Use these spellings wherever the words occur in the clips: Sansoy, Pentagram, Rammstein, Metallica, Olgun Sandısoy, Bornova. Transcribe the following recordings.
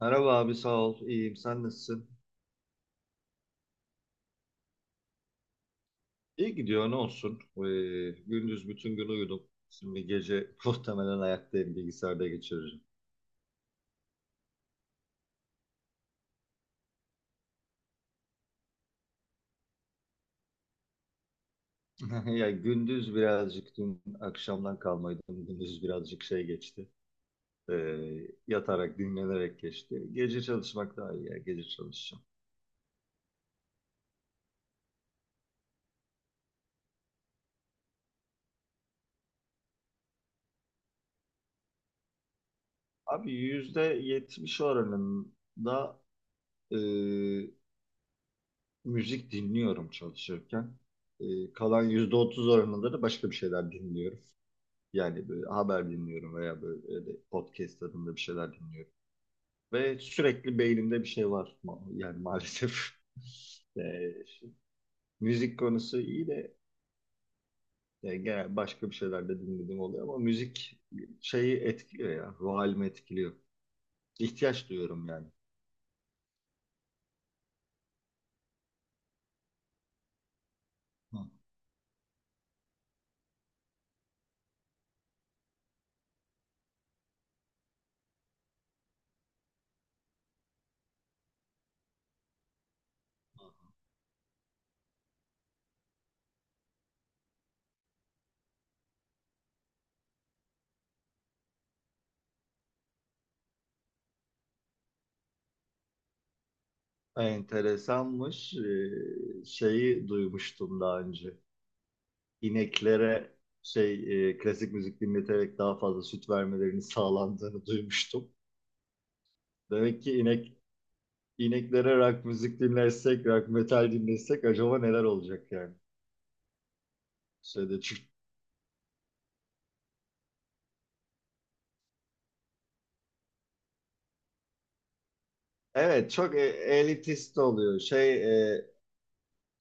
Merhaba abi sağ ol. İyiyim. Sen nasılsın? İyi gidiyor ne olsun. Gündüz bütün gün uyudum. Şimdi gece muhtemelen ayaktayım bilgisayarda geçiririm. Ya gündüz birazcık dün akşamdan kalmaydı. Gündüz birazcık şey geçti. Yatarak dinlenerek geçti. Gece çalışmak daha iyi ya. Gece çalışacağım. Abi %70 oranında e, müzik dinliyorum çalışırken. Kalan %30 oranında da başka bir şeyler dinliyorum. Yani böyle haber dinliyorum veya böyle öyle podcast tadında bir şeyler dinliyorum. Ve sürekli beynimde bir şey var. Yani maalesef. Ee, Müzik konusu iyi de yani genel başka bir şeyler de dinlediğim oluyor ama müzik şeyi etkiliyor ya. Ruh halimi etkiliyor. İhtiyaç duyuyorum yani. Hı. Enteresanmış. Şeyi duymuştum daha önce. İneklere şey klasik müzik dinleterek daha fazla süt vermelerinin sağlandığını duymuştum. Demek ki İneklere rock müzik dinlersek, rock metal dinlesek acaba neler olacak yani? Şeyde çünkü- Evet çok elitist oluyor. Şey e,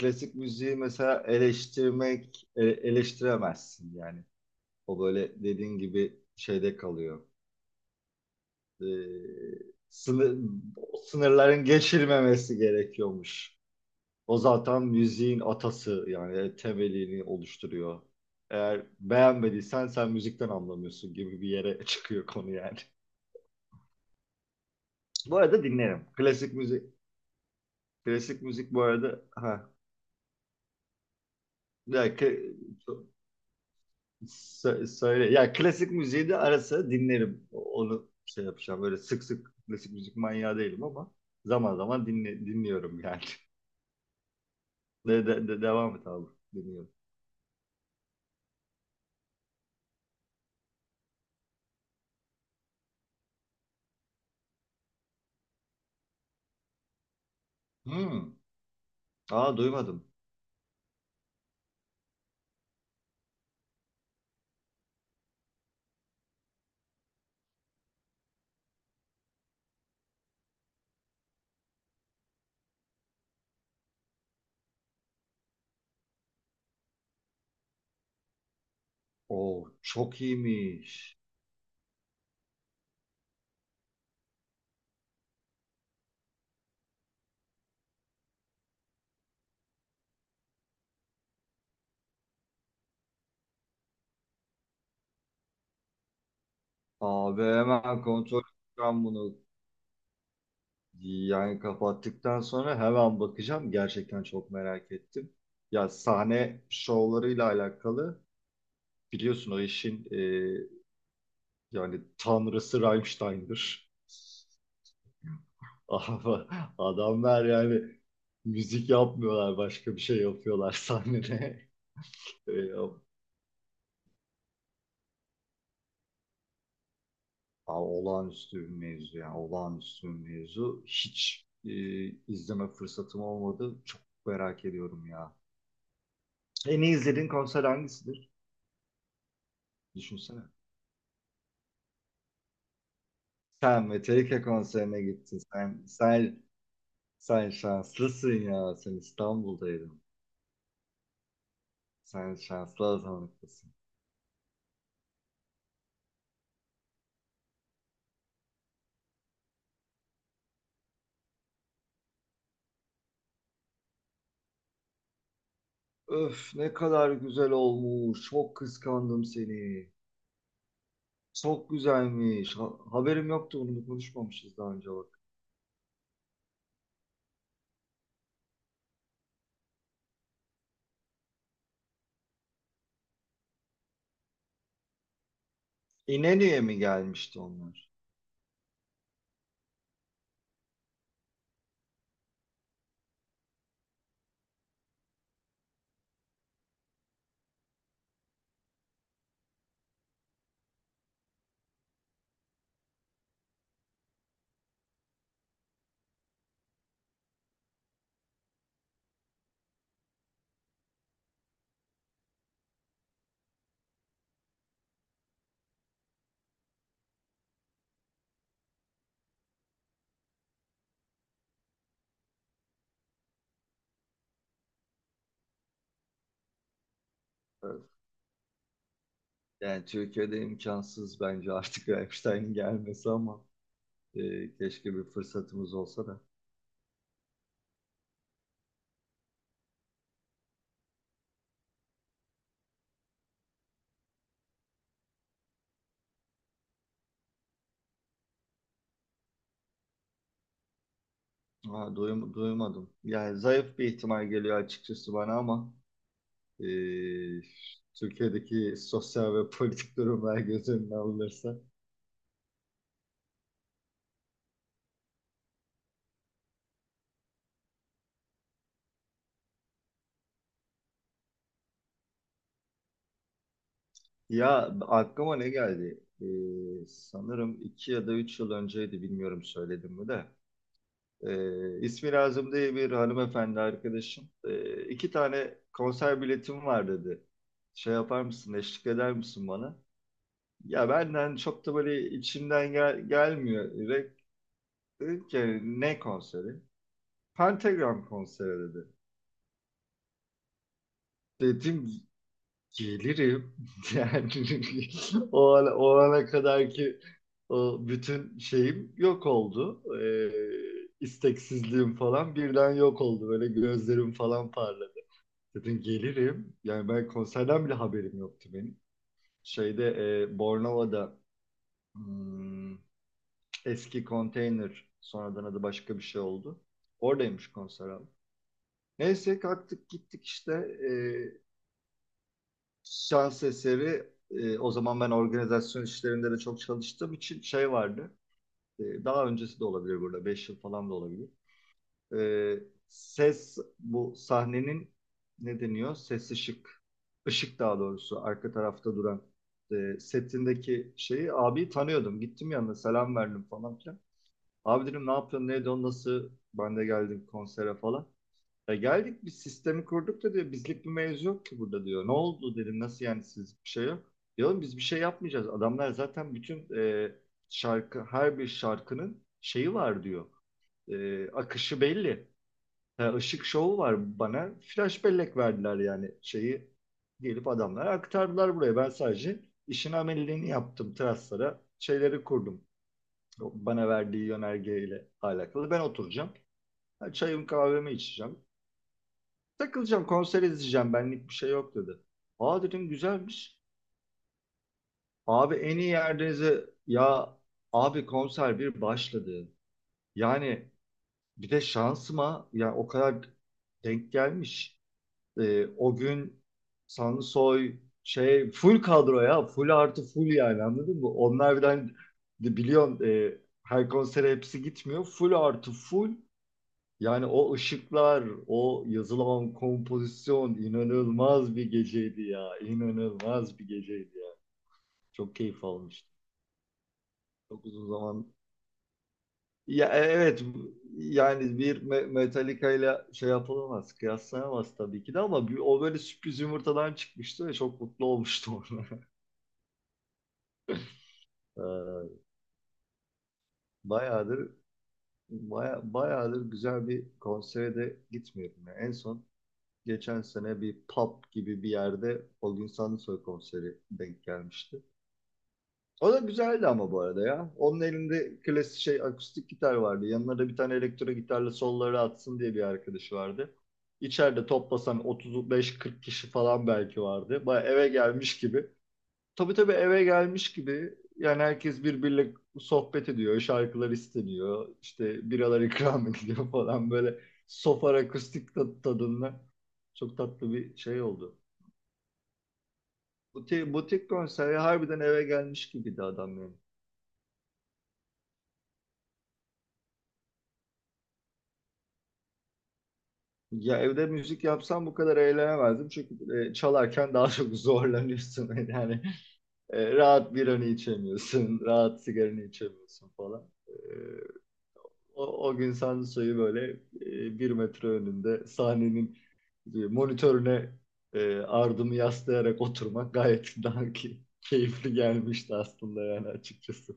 klasik müziği mesela eleştirmek eleştiremezsin yani. O böyle dediğin gibi şeyde kalıyor. E, sınır, O sınırların geçilmemesi gerekiyormuş. O zaten müziğin atası yani temelini oluşturuyor. Eğer beğenmediysen sen müzikten anlamıyorsun gibi bir yere çıkıyor konu yani. Bu arada dinlerim. Klasik müzik. Klasik müzik bu arada. Ha. Ya, söyle. Ya klasik müziği de ara sıra dinlerim. Onu şey yapacağım. Böyle sık sık klasik müzik manyağı değilim ama zaman zaman dinliyorum yani. Devam et abi. Dinliyorum. Hmm. Aa duymadım. Oo çok iyiymiş. Abi hemen kontrol edeceğim bunu. Yani kapattıktan sonra hemen bakacağım. Gerçekten çok merak ettim. Ya sahne şovlarıyla alakalı biliyorsun o işin yani tanrısı Rammstein'dir. Ama adamlar yani müzik yapmıyorlar başka bir şey yapıyorlar sahnede. E, Olağanüstü bir mevzu yani olağanüstü bir mevzu. Hiç izleme fırsatım olmadı. Çok merak ediyorum ya. En iyi izlediğin konser hangisidir? Düşünsene. Sen Metallica konserine gittin. Sen şanslısın ya. Sen İstanbul'daydın. Sen şanslı azınlıklısın. Öf ne kadar güzel olmuş. Çok kıskandım seni. Çok güzelmiş. Haberim yoktu, bunu konuşmamışız daha önce bak. İnönü'ye mi gelmişti onlar? Öf. Yani Türkiye'de imkansız bence artık Rammstein'in gelmesi ama keşke bir fırsatımız olsa da. Ha, duymadım. Yani zayıf bir ihtimal geliyor açıkçası bana ama. e, Türkiye'deki sosyal ve politik durumlar göz önüne alınırsa. Ya aklıma ne geldi? Sanırım 2 ya da 3 yıl önceydi, bilmiyorum söyledim mi de. İsmi lazım diye bir hanımefendi arkadaşım. İki tane konser biletim var dedi. Şey yapar mısın, eşlik eder misin bana? Ya benden çok da böyle içimden gelmiyor. Direkt dedim ki, "Hani ne konseri?" Pentagram konseri dedi. Dedim gelirim. Yani o ana kadar ki o bütün şeyim yok oldu. İsteksizliğim falan birden yok oldu. Böyle gözlerim falan parladı. Dedim gelirim. Yani ben konserden bile haberim yoktu benim. Şeyde Bornova'da, hmm, eski konteyner, sonradan adı başka bir şey oldu. Oradaymış konser abi. Neyse kalktık gittik işte. Ee, Şans eseri o zaman ben organizasyon işlerinde de çok çalıştığım için şey vardı. Daha öncesi de olabilir burada. 5 yıl falan da olabilir. E, Ses bu sahnenin, ne deniyor? Ses ışık. Işık daha doğrusu arka tarafta duran setindeki şeyi abi tanıyordum. Gittim yanına, selam verdim falan filan. Abi dedim ne yapıyorsun? Neydi o? Nasıl? Ben de geldim konsere falan. Ya geldik biz sistemi kurduk da, diyor, bizlik bir mevzu yok ki burada, diyor. Ne oldu dedim, nasıl yani, siz bir şey yok. Diyorum biz bir şey yapmayacağız. Adamlar zaten bütün e, şarkı her bir şarkının şeyi var, diyor. Akışı belli. Ha, ışık şovu var bana. Flash bellek verdiler, yani şeyi gelip adamlar aktardılar buraya. Ben sadece işin ameliyatını yaptım teraslara. Şeyleri kurdum. O, bana verdiği yönergeyle alakalı. Ben oturacağım. Ha, çayımı kahvemi içeceğim. Takılacağım, konser izleyeceğim, benlik bir şey yok dedi. Aa dedim güzelmiş. Abi en iyi yerlerinize ya, abi konser bir başladı. Yani bir de şansıma ya o kadar denk gelmiş. O gün Sansoy şey full kadro ya, full artı full, yani anladın mı? Onlar birden, biliyorsun e, her konsere hepsi gitmiyor. Full artı full. Yani o ışıklar, o yazılan kompozisyon, inanılmaz bir geceydi ya. İnanılmaz bir geceydi ya. Çok keyif almıştım. Çok uzun zaman. Ya evet, yani bir Metallica ile şey yapılamaz, kıyaslanamaz tabii ki de, ama o böyle sürpriz yumurtadan çıkmıştı ve çok mutlu olmuştum ona. Ee, bayağıdır bayağıdır güzel bir konsere de gitmiyorum ya. En son geçen sene bir pub gibi bir yerde Olgun Sandısoy konseri denk gelmişti. O da güzeldi ama bu arada ya. Onun elinde klasik şey akustik gitar vardı. Yanına da bir tane elektro gitarla solları atsın diye bir arkadaşı vardı. İçeride toplasan 35-40 kişi falan belki vardı. Baya eve gelmiş gibi. Tabii tabii eve gelmiş gibi, yani herkes birbiriyle sohbet ediyor, şarkılar isteniyor, işte biralar ikram ediliyor falan, böyle sofar akustik tadı tadında çok tatlı bir şey oldu. Butik konseri harbiden eve gelmiş gibiydi adam yani. Ya evde müzik yapsam bu kadar eğlenemezdim, çünkü çalarken daha çok zorlanıyorsun yani rahat biranı içemiyorsun, rahat sigaranı içemiyorsun falan. O gün Sanso'yu böyle 1 metre önünde sahnenin monitörüne ardımı yaslayarak oturmak gayet daha ki, keyifli gelmişti aslında yani açıkçası.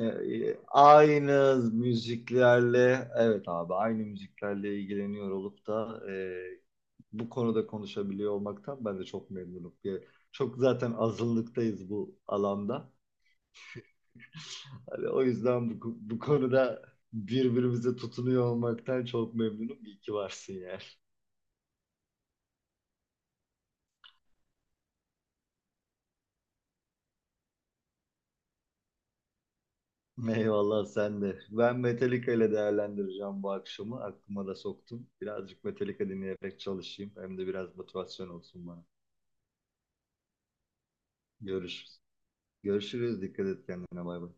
Aynı müziklerle, evet abi, aynı müziklerle ilgileniyor olup da bu konuda konuşabiliyor olmaktan ben de çok memnunum. Çok zaten azınlıktayız bu alanda. Hani o yüzden bu konuda birbirimize tutunuyor olmaktan çok memnunum. İyi ki varsın yani. Eyvallah sen de. Ben Metallica ile değerlendireceğim bu akşamı. Aklıma da soktum. Birazcık Metallica dinleyerek çalışayım. Hem de biraz motivasyon olsun bana. Görüşürüz. Görüşürüz. Dikkat et kendine. Bay bay.